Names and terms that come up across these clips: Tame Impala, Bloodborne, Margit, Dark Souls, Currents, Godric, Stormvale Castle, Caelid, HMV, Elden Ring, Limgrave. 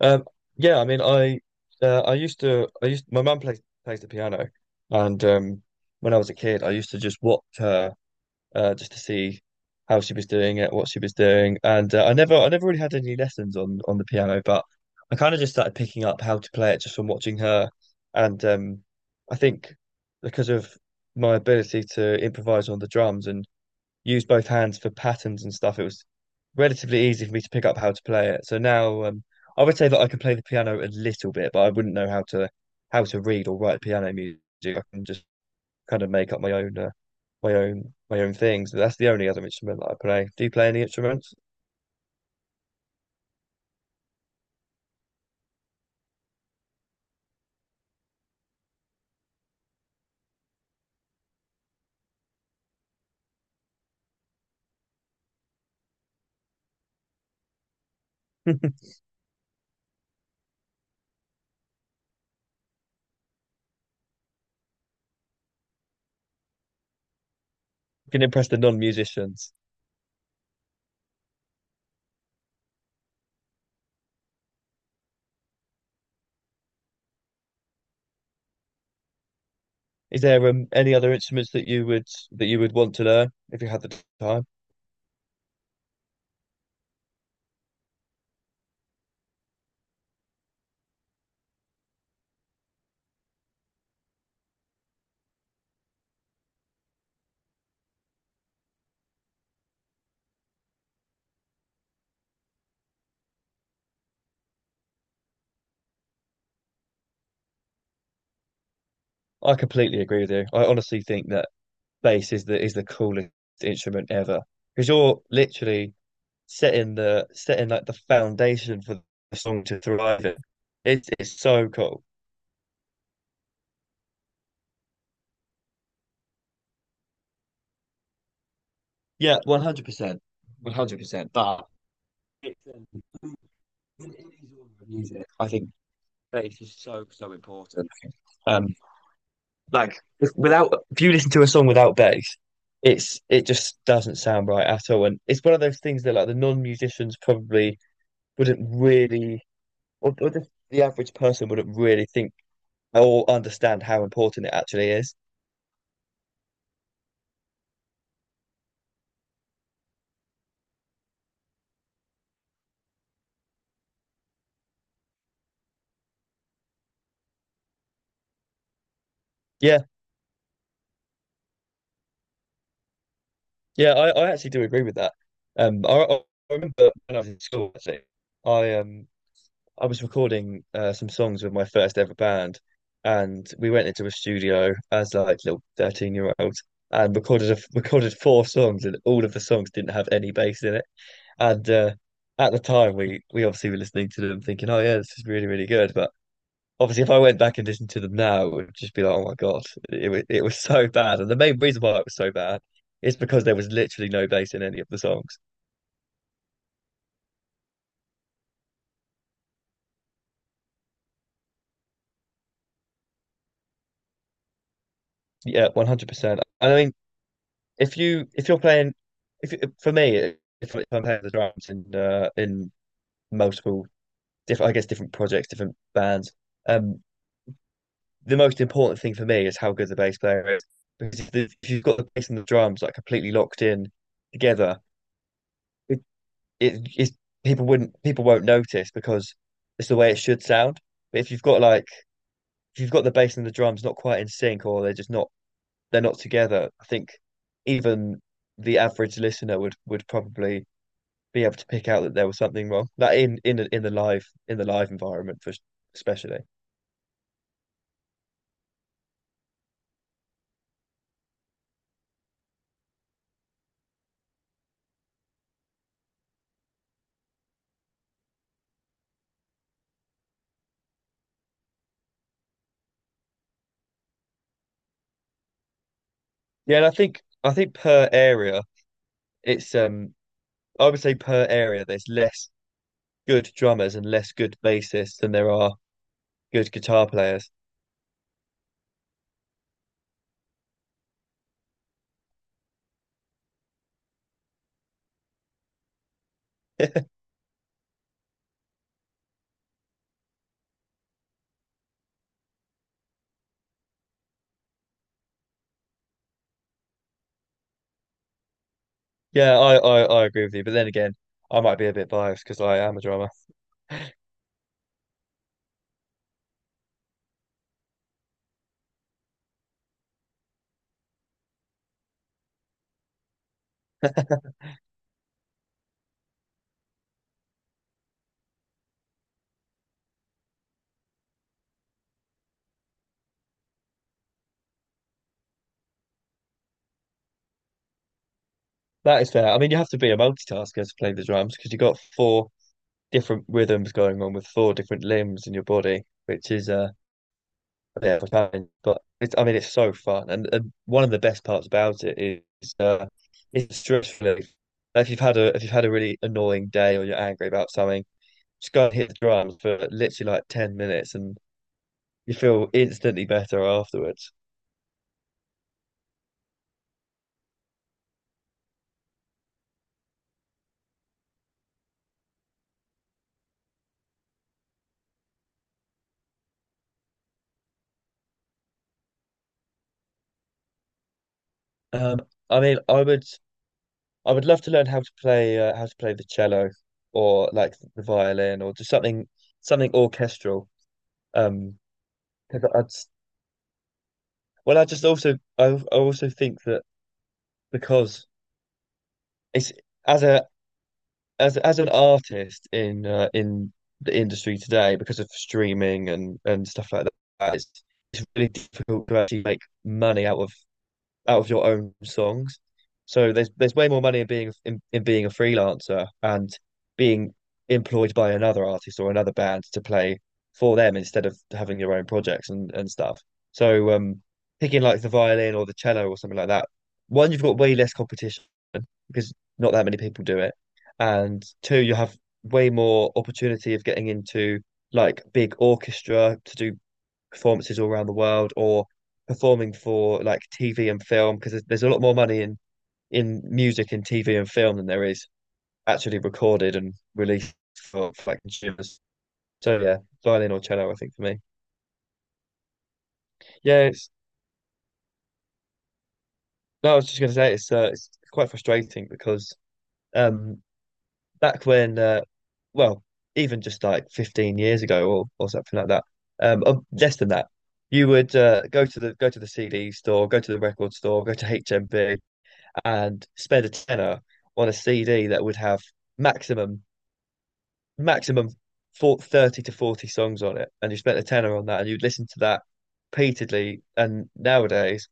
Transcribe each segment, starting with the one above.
Um, yeah, I mean, I used to I used my mum plays the piano, and when I was a kid, I used to just watch her just to see how she was doing it, what she was doing, and I never really had any lessons on the piano, but I kind of just started picking up how to play it just from watching her, and I think because of my ability to improvise on the drums and use both hands for patterns and stuff, it was relatively easy for me to pick up how to play it. So now, I would say that I can play the piano a little bit, but I wouldn't know how to read or write piano music. I can just kind of make up my own my own things. But that's the only other instrument that I play. Do you play any instruments? You can impress the non-musicians. Is there any other instruments that you would want to learn if you had the time? I completely agree with you. I honestly think that bass is the coolest instrument ever, because you're literally setting the setting like the foundation for the song to thrive in. It's so cool. Yeah, 100%, 100%. But it's, um, in any genre of music, I think bass is so so important. Um, like without if you listen to a song without bass, it just doesn't sound right at all. And it's one of those things that, like, the non-musicians probably wouldn't really or just the average person wouldn't really think or understand how important it actually is. Yeah, yeah, I actually do agree with that. Um, I, I remember when I was in school, actually. I um I was recording some songs with my first ever band, and we went into a studio as like little 13-year-olds and recorded recorded four songs, and all of the songs didn't have any bass in it. And at the time, we obviously were listening to them thinking, oh yeah, this is really really good, but obviously if I went back and listened to them now, it would just be like, oh my God, it was so bad. And the main reason why it was so bad is because there was literally no bass in any of the songs. Yeah, 100%. And I mean, if you're playing, if you- for me, if I'm playing the drums in multiple different, I guess, different projects, different bands. um, the most important thing for me is how good the bass player is. Because if you've got the bass and the drums like completely locked in together, it, it is people wouldn't people won't notice, because it's the way it should sound. But if you've got like if you've got the bass and the drums not quite in sync, or they're just not they're not together, I think even the average listener would probably be able to pick out that there was something wrong. That in in the live environment for especially. Yeah, and I think per area it's I would say per area there's less good drummers and less good bassists than there are good guitar players. Yeah, I agree with you. But then again, I might be a bit biased because I am a drummer. That is fair. I mean, you have to be a multitasker to play the drums because you've got four different rhythms going on with four different limbs in your body, which is a bit of a challenge. But it's, I mean, it's so fun. And one of the best parts about it is, it's stress relief. If you've had a really annoying day or you're angry about something, just go and hit the drums for literally like 10 minutes and you feel instantly better afterwards. Um, I mean, I would. I would love to learn how to play the cello, or like the violin, or just something orchestral. Um, 'Cause I just, well, I just also, I also think that because it's as a as an artist in the industry today, because of streaming and stuff like that, it's really difficult to actually make money out of your own songs. So there's way more money in in being a freelancer and being employed by another artist or another band to play for them, instead of having your own projects and stuff. So picking like the violin or the cello or something like that, one, you've got way less competition because not that many people do it. And two, you have way more opportunity of getting into like big orchestra to do performances all around the world, or performing for like TV and film, because there's a lot more money in music and TV and film than there is actually recorded and released for like consumers. So yeah, violin or cello, I think for me. Yeah, it's no, I was just going to say it's, it's quite frustrating because um back when well even just like 15 years ago or something like that, less than that, you would go to the CD store, go to the record store, go to HMV, and spend a tenner on a CD that would have maximum maximum for 30 to 40 songs on it, and you spent a tenner on that and you'd listen to that repeatedly. And nowadays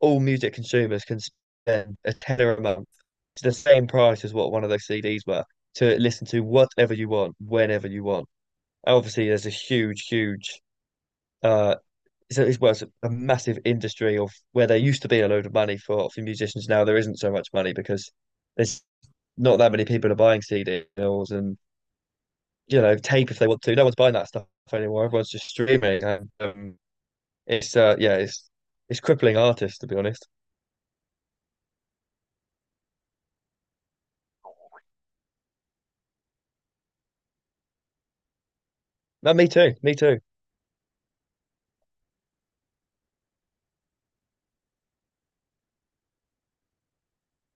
all music consumers can spend a tenner a month, to the same price as what one of those CDs were, to listen to whatever you want whenever you want. And obviously there's a huge uh so it's, well, it's a massive industry, of where there used to be a load of money for musicians, now there isn't so much money because there's not that many people are buying CDs and, you know, tape, if they want to. No one's buying that stuff anymore. Everyone's just streaming, and it's yeah, it's crippling artists, to be honest. No, me too, me too.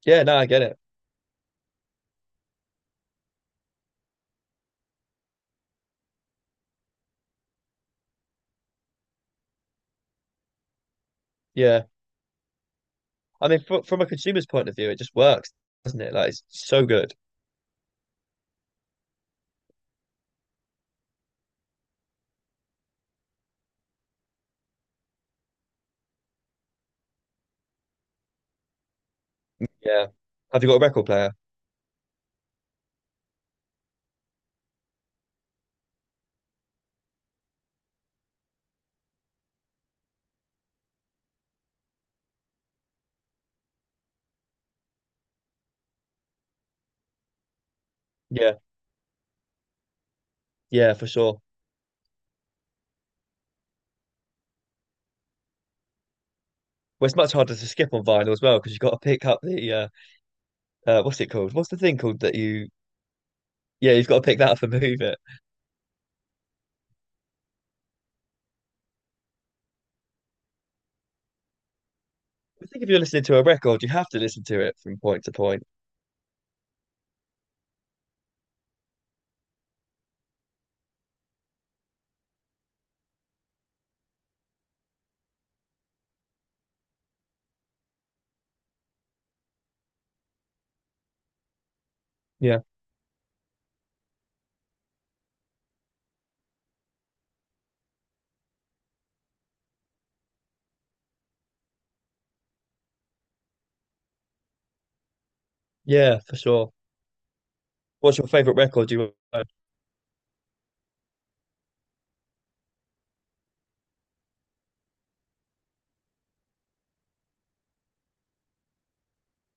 Yeah, no, I get it. Yeah, I mean, fr from a consumer's point of view, it just works, doesn't it? Like, it's so good. Yeah. Have you got a record player? Yeah, yeah, for sure. Well, it's much harder to skip on vinyl as well, because you've got to pick up the what's it called? What's the thing called that you? Yeah, you've got to pick that up and move it. I think if you're listening to a record, you have to listen to it from point to point. Yeah, yeah, for sure. What's your favorite record you own?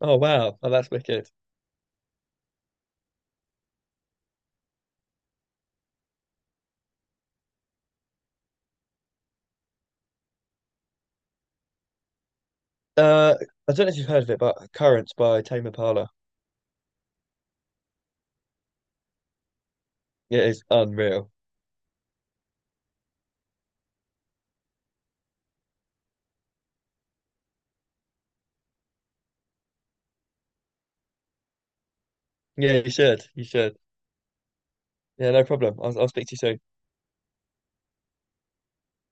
Oh wow, oh that's wicked. Uh, I don't know if you've heard of it, but Currents by Tame Impala. It is unreal. Yeah, you should. You should. Yeah, no problem. I'll speak to you soon.